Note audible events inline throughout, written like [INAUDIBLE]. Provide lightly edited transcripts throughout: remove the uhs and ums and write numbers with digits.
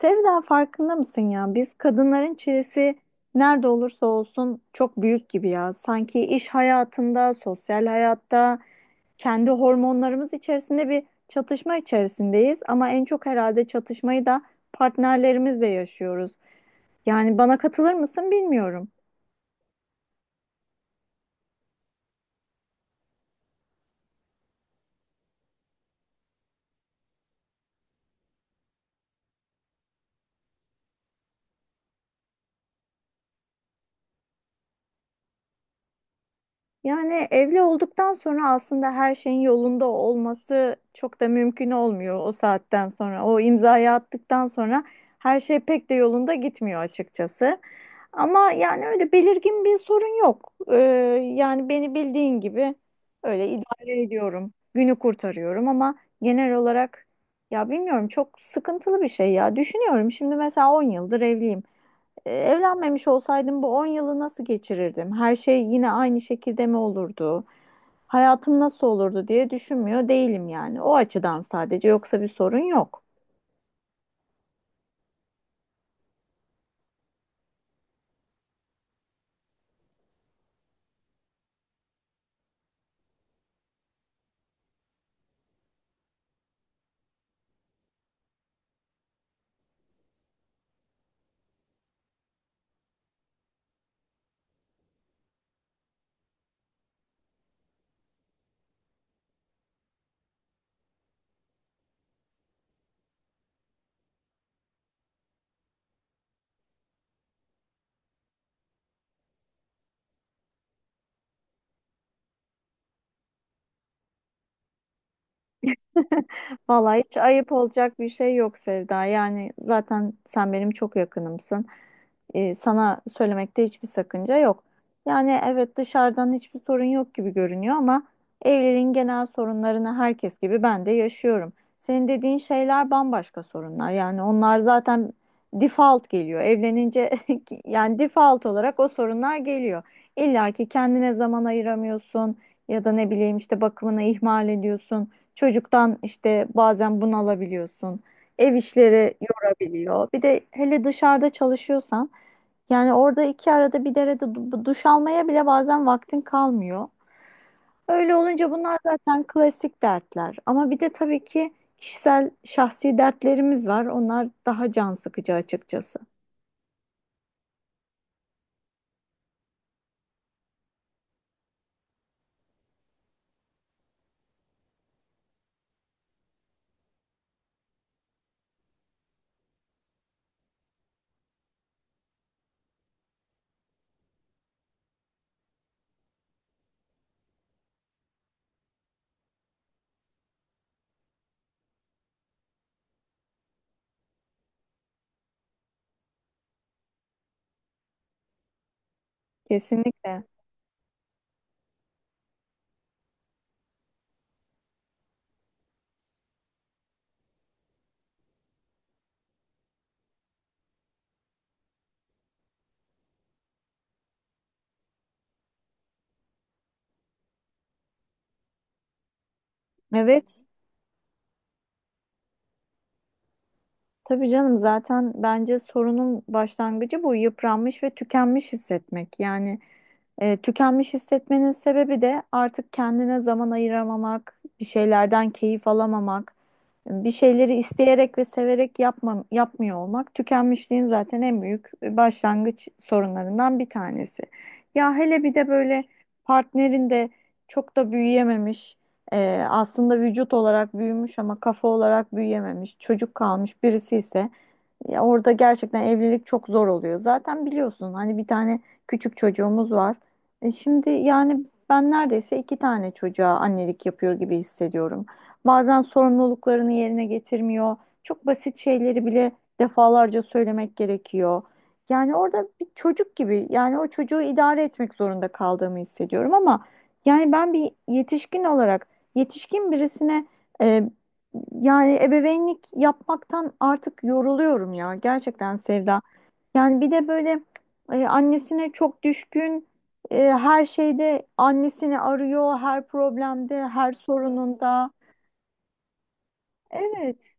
Sevda, farkında mısın ya? Biz kadınların çilesi nerede olursa olsun çok büyük gibi ya. Sanki iş hayatında, sosyal hayatta, kendi hormonlarımız içerisinde bir çatışma içerisindeyiz. Ama en çok herhalde çatışmayı da partnerlerimizle yaşıyoruz. Yani bana katılır mısın bilmiyorum. Yani evli olduktan sonra aslında her şeyin yolunda olması çok da mümkün olmuyor o saatten sonra. O imzayı attıktan sonra her şey pek de yolunda gitmiyor açıkçası. Ama yani öyle belirgin bir sorun yok. Yani beni bildiğin gibi öyle idare ediyorum. Günü kurtarıyorum ama genel olarak ya bilmiyorum, çok sıkıntılı bir şey ya. Düşünüyorum şimdi mesela 10 yıldır evliyim. Evlenmemiş olsaydım bu 10 yılı nasıl geçirirdim? Her şey yine aynı şekilde mi olurdu? Hayatım nasıl olurdu diye düşünmüyor değilim yani. O açıdan sadece, yoksa bir sorun yok. [LAUGHS] Vallahi hiç ayıp olacak bir şey yok Sevda. Yani zaten sen benim çok yakınımsın. Sana söylemekte hiçbir sakınca yok. Yani evet, dışarıdan hiçbir sorun yok gibi görünüyor ama evliliğin genel sorunlarını herkes gibi ben de yaşıyorum. Senin dediğin şeyler bambaşka sorunlar. Yani onlar zaten default geliyor. Evlenince [LAUGHS] yani default olarak o sorunlar geliyor. İlla ki kendine zaman ayıramıyorsun ya da ne bileyim işte bakımını ihmal ediyorsun. Çocuktan işte bazen bunu alabiliyorsun. Ev işleri yorabiliyor. Bir de hele dışarıda çalışıyorsan yani orada iki arada bir derede duş almaya bile bazen vaktin kalmıyor. Öyle olunca bunlar zaten klasik dertler. Ama bir de tabii ki kişisel, şahsi dertlerimiz var. Onlar daha can sıkıcı açıkçası. Kesinlikle. Evet. Tabii canım, zaten bence sorunun başlangıcı bu: yıpranmış ve tükenmiş hissetmek. Yani tükenmiş hissetmenin sebebi de artık kendine zaman ayıramamak, bir şeylerden keyif alamamak, bir şeyleri isteyerek ve severek yapma, yapmıyor olmak. Tükenmişliğin zaten en büyük başlangıç sorunlarından bir tanesi. Ya hele bir de böyle partnerin de çok da büyüyememiş. Aslında vücut olarak büyümüş ama kafa olarak büyüyememiş, çocuk kalmış birisi ise ya orada gerçekten evlilik çok zor oluyor. Zaten biliyorsun hani bir tane küçük çocuğumuz var. Şimdi yani ben neredeyse iki tane çocuğa annelik yapıyor gibi hissediyorum. Bazen sorumluluklarını yerine getirmiyor. Çok basit şeyleri bile defalarca söylemek gerekiyor. Yani orada bir çocuk gibi, yani o çocuğu idare etmek zorunda kaldığımı hissediyorum ama yani ben bir yetişkin olarak yetişkin birisine e, yani ebeveynlik yapmaktan artık yoruluyorum ya, gerçekten Sevda. Yani bir de böyle annesine çok düşkün, her şeyde annesini arıyor, her problemde, her sorununda. Evet,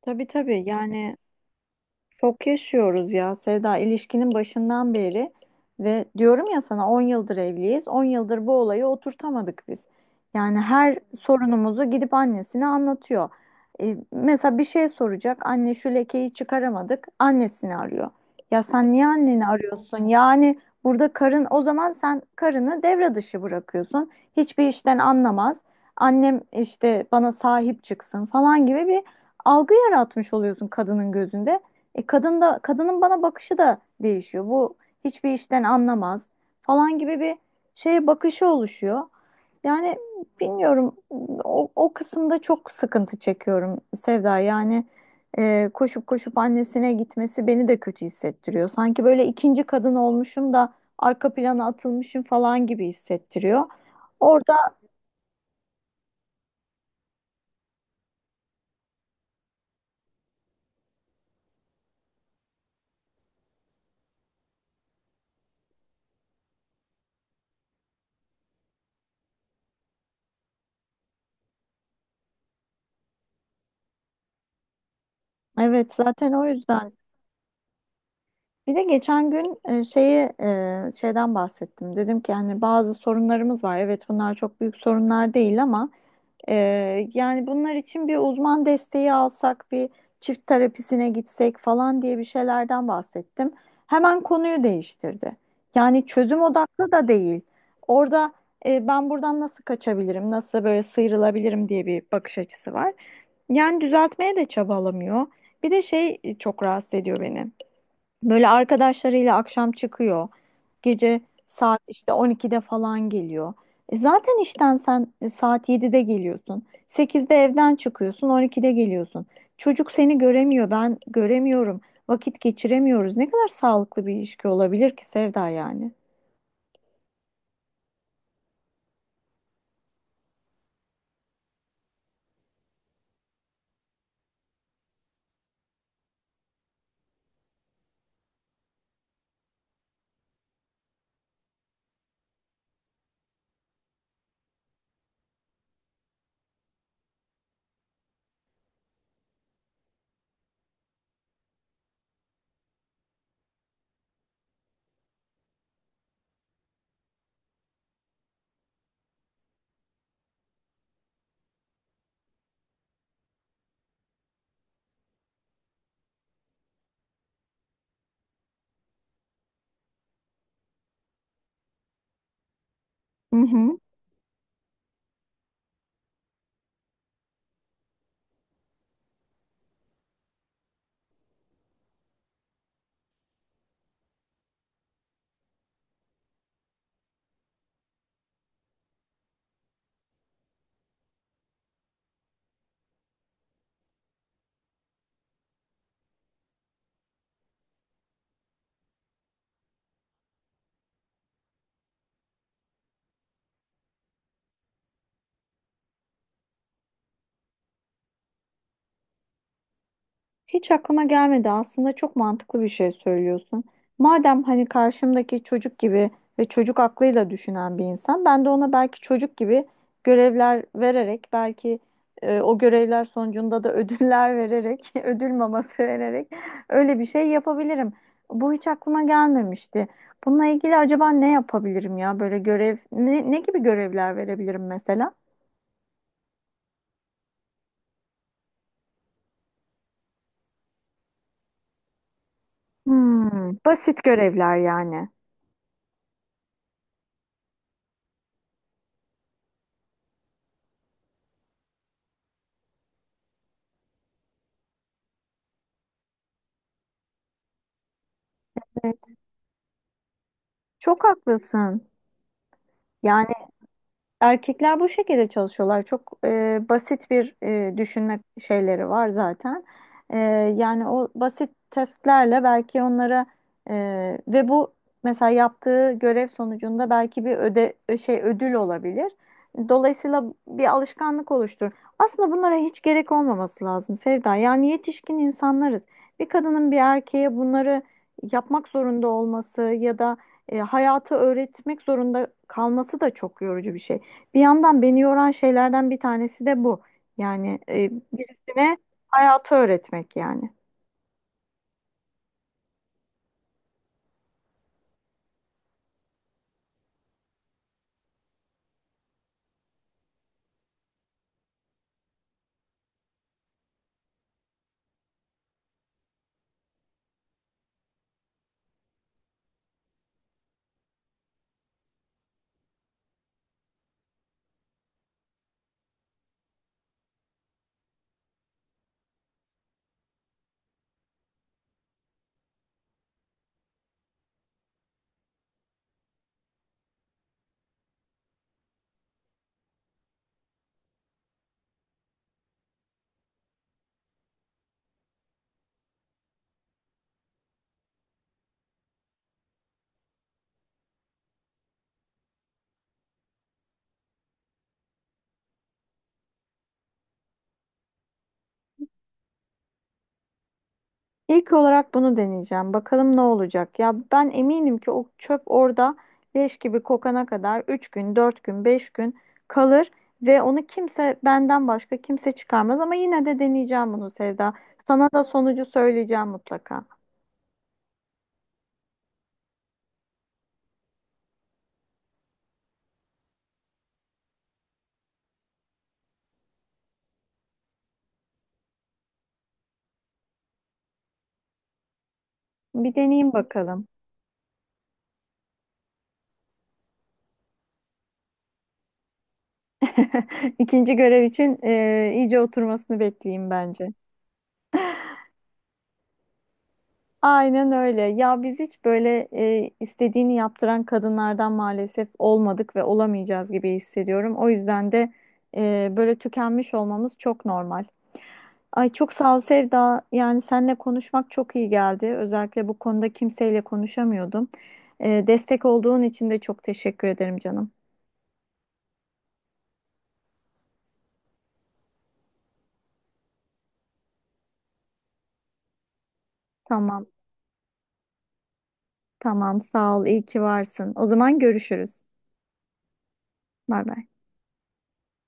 tabii tabii yani. Çok yaşıyoruz ya Sevda, ilişkinin başından beri, ve diyorum ya sana, 10 yıldır evliyiz. 10 yıldır bu olayı oturtamadık biz. Yani her sorunumuzu gidip annesine anlatıyor. Mesela bir şey soracak. Anne, şu lekeyi çıkaramadık. Annesini arıyor. Ya sen niye anneni arıyorsun? Yani burada karın, o zaman sen karını devre dışı bırakıyorsun. Hiçbir işten anlamaz, annem işte bana sahip çıksın falan gibi bir algı yaratmış oluyorsun kadının gözünde. Kadın da, kadının bana bakışı da değişiyor. Bu hiçbir işten anlamaz falan gibi bir şeye bakışı oluşuyor. Yani bilmiyorum, o kısımda çok sıkıntı çekiyorum Sevda. Yani koşup koşup annesine gitmesi beni de kötü hissettiriyor. Sanki böyle ikinci kadın olmuşum da arka plana atılmışım falan gibi hissettiriyor. Orada evet, zaten o yüzden. Bir de geçen gün şeyden bahsettim. Dedim ki hani bazı sorunlarımız var. Evet, bunlar çok büyük sorunlar değil ama e, yani bunlar için bir uzman desteği alsak, bir çift terapisine gitsek falan diye bir şeylerden bahsettim. Hemen konuyu değiştirdi. Yani çözüm odaklı da değil. Orada, ben buradan nasıl kaçabilirim, nasıl böyle sıyrılabilirim diye bir bakış açısı var. Yani düzeltmeye de çabalamıyor. Bir de çok rahatsız ediyor beni. Böyle arkadaşlarıyla akşam çıkıyor. Gece saat işte 12'de falan geliyor. Zaten işten sen saat 7'de geliyorsun. 8'de evden çıkıyorsun, 12'de geliyorsun. Çocuk seni göremiyor, ben göremiyorum. Vakit geçiremiyoruz. Ne kadar sağlıklı bir ilişki olabilir ki Sevda yani? Hı hı. Hiç aklıma gelmedi. Aslında çok mantıklı bir şey söylüyorsun. Madem hani karşımdaki çocuk gibi ve çocuk aklıyla düşünen bir insan, ben de ona belki çocuk gibi görevler vererek, belki o görevler sonucunda da ödüller vererek, [LAUGHS] ödül maması vererek öyle bir şey yapabilirim. Bu hiç aklıma gelmemişti. Bununla ilgili acaba ne yapabilirim ya? Böyle görev, ne gibi görevler verebilirim mesela? Hmm, basit görevler yani. Evet. Çok haklısın. Yani. Erkekler bu şekilde çalışıyorlar. Çok basit bir düşünme şeyleri var zaten. E, Yani o basit testlerle belki e, ve bu, mesela yaptığı görev sonucunda belki bir öde e, şey ödül olabilir. Dolayısıyla bir alışkanlık oluşturur. Aslında bunlara hiç gerek olmaması lazım Sevda. Yani yetişkin insanlarız. Bir kadının bir erkeğe bunları yapmak zorunda olması ya da hayatı öğretmek zorunda kalması da çok yorucu bir şey. Bir yandan beni yoran şeylerden bir tanesi de bu. Yani birisine hayatı öğretmek yani. İlk olarak bunu deneyeceğim. Bakalım ne olacak? Ya ben eminim ki o çöp orada leş gibi kokana kadar 3 gün, 4 gün, 5 gün kalır ve onu kimse, benden başka kimse çıkarmaz, ama yine de deneyeceğim bunu Sevda. Sana da sonucu söyleyeceğim mutlaka. Bir deneyeyim bakalım. [LAUGHS] İkinci görev için iyice oturmasını bekleyeyim bence. Aynen öyle. Ya biz hiç böyle istediğini yaptıran kadınlardan maalesef olmadık ve olamayacağız gibi hissediyorum. O yüzden de böyle tükenmiş olmamız çok normal. Ay, çok sağ ol Sevda. Yani seninle konuşmak çok iyi geldi. Özellikle bu konuda kimseyle konuşamıyordum. Destek olduğun için de çok teşekkür ederim canım. Tamam, tamam sağ ol. İyi ki varsın. O zaman görüşürüz. Bay bay.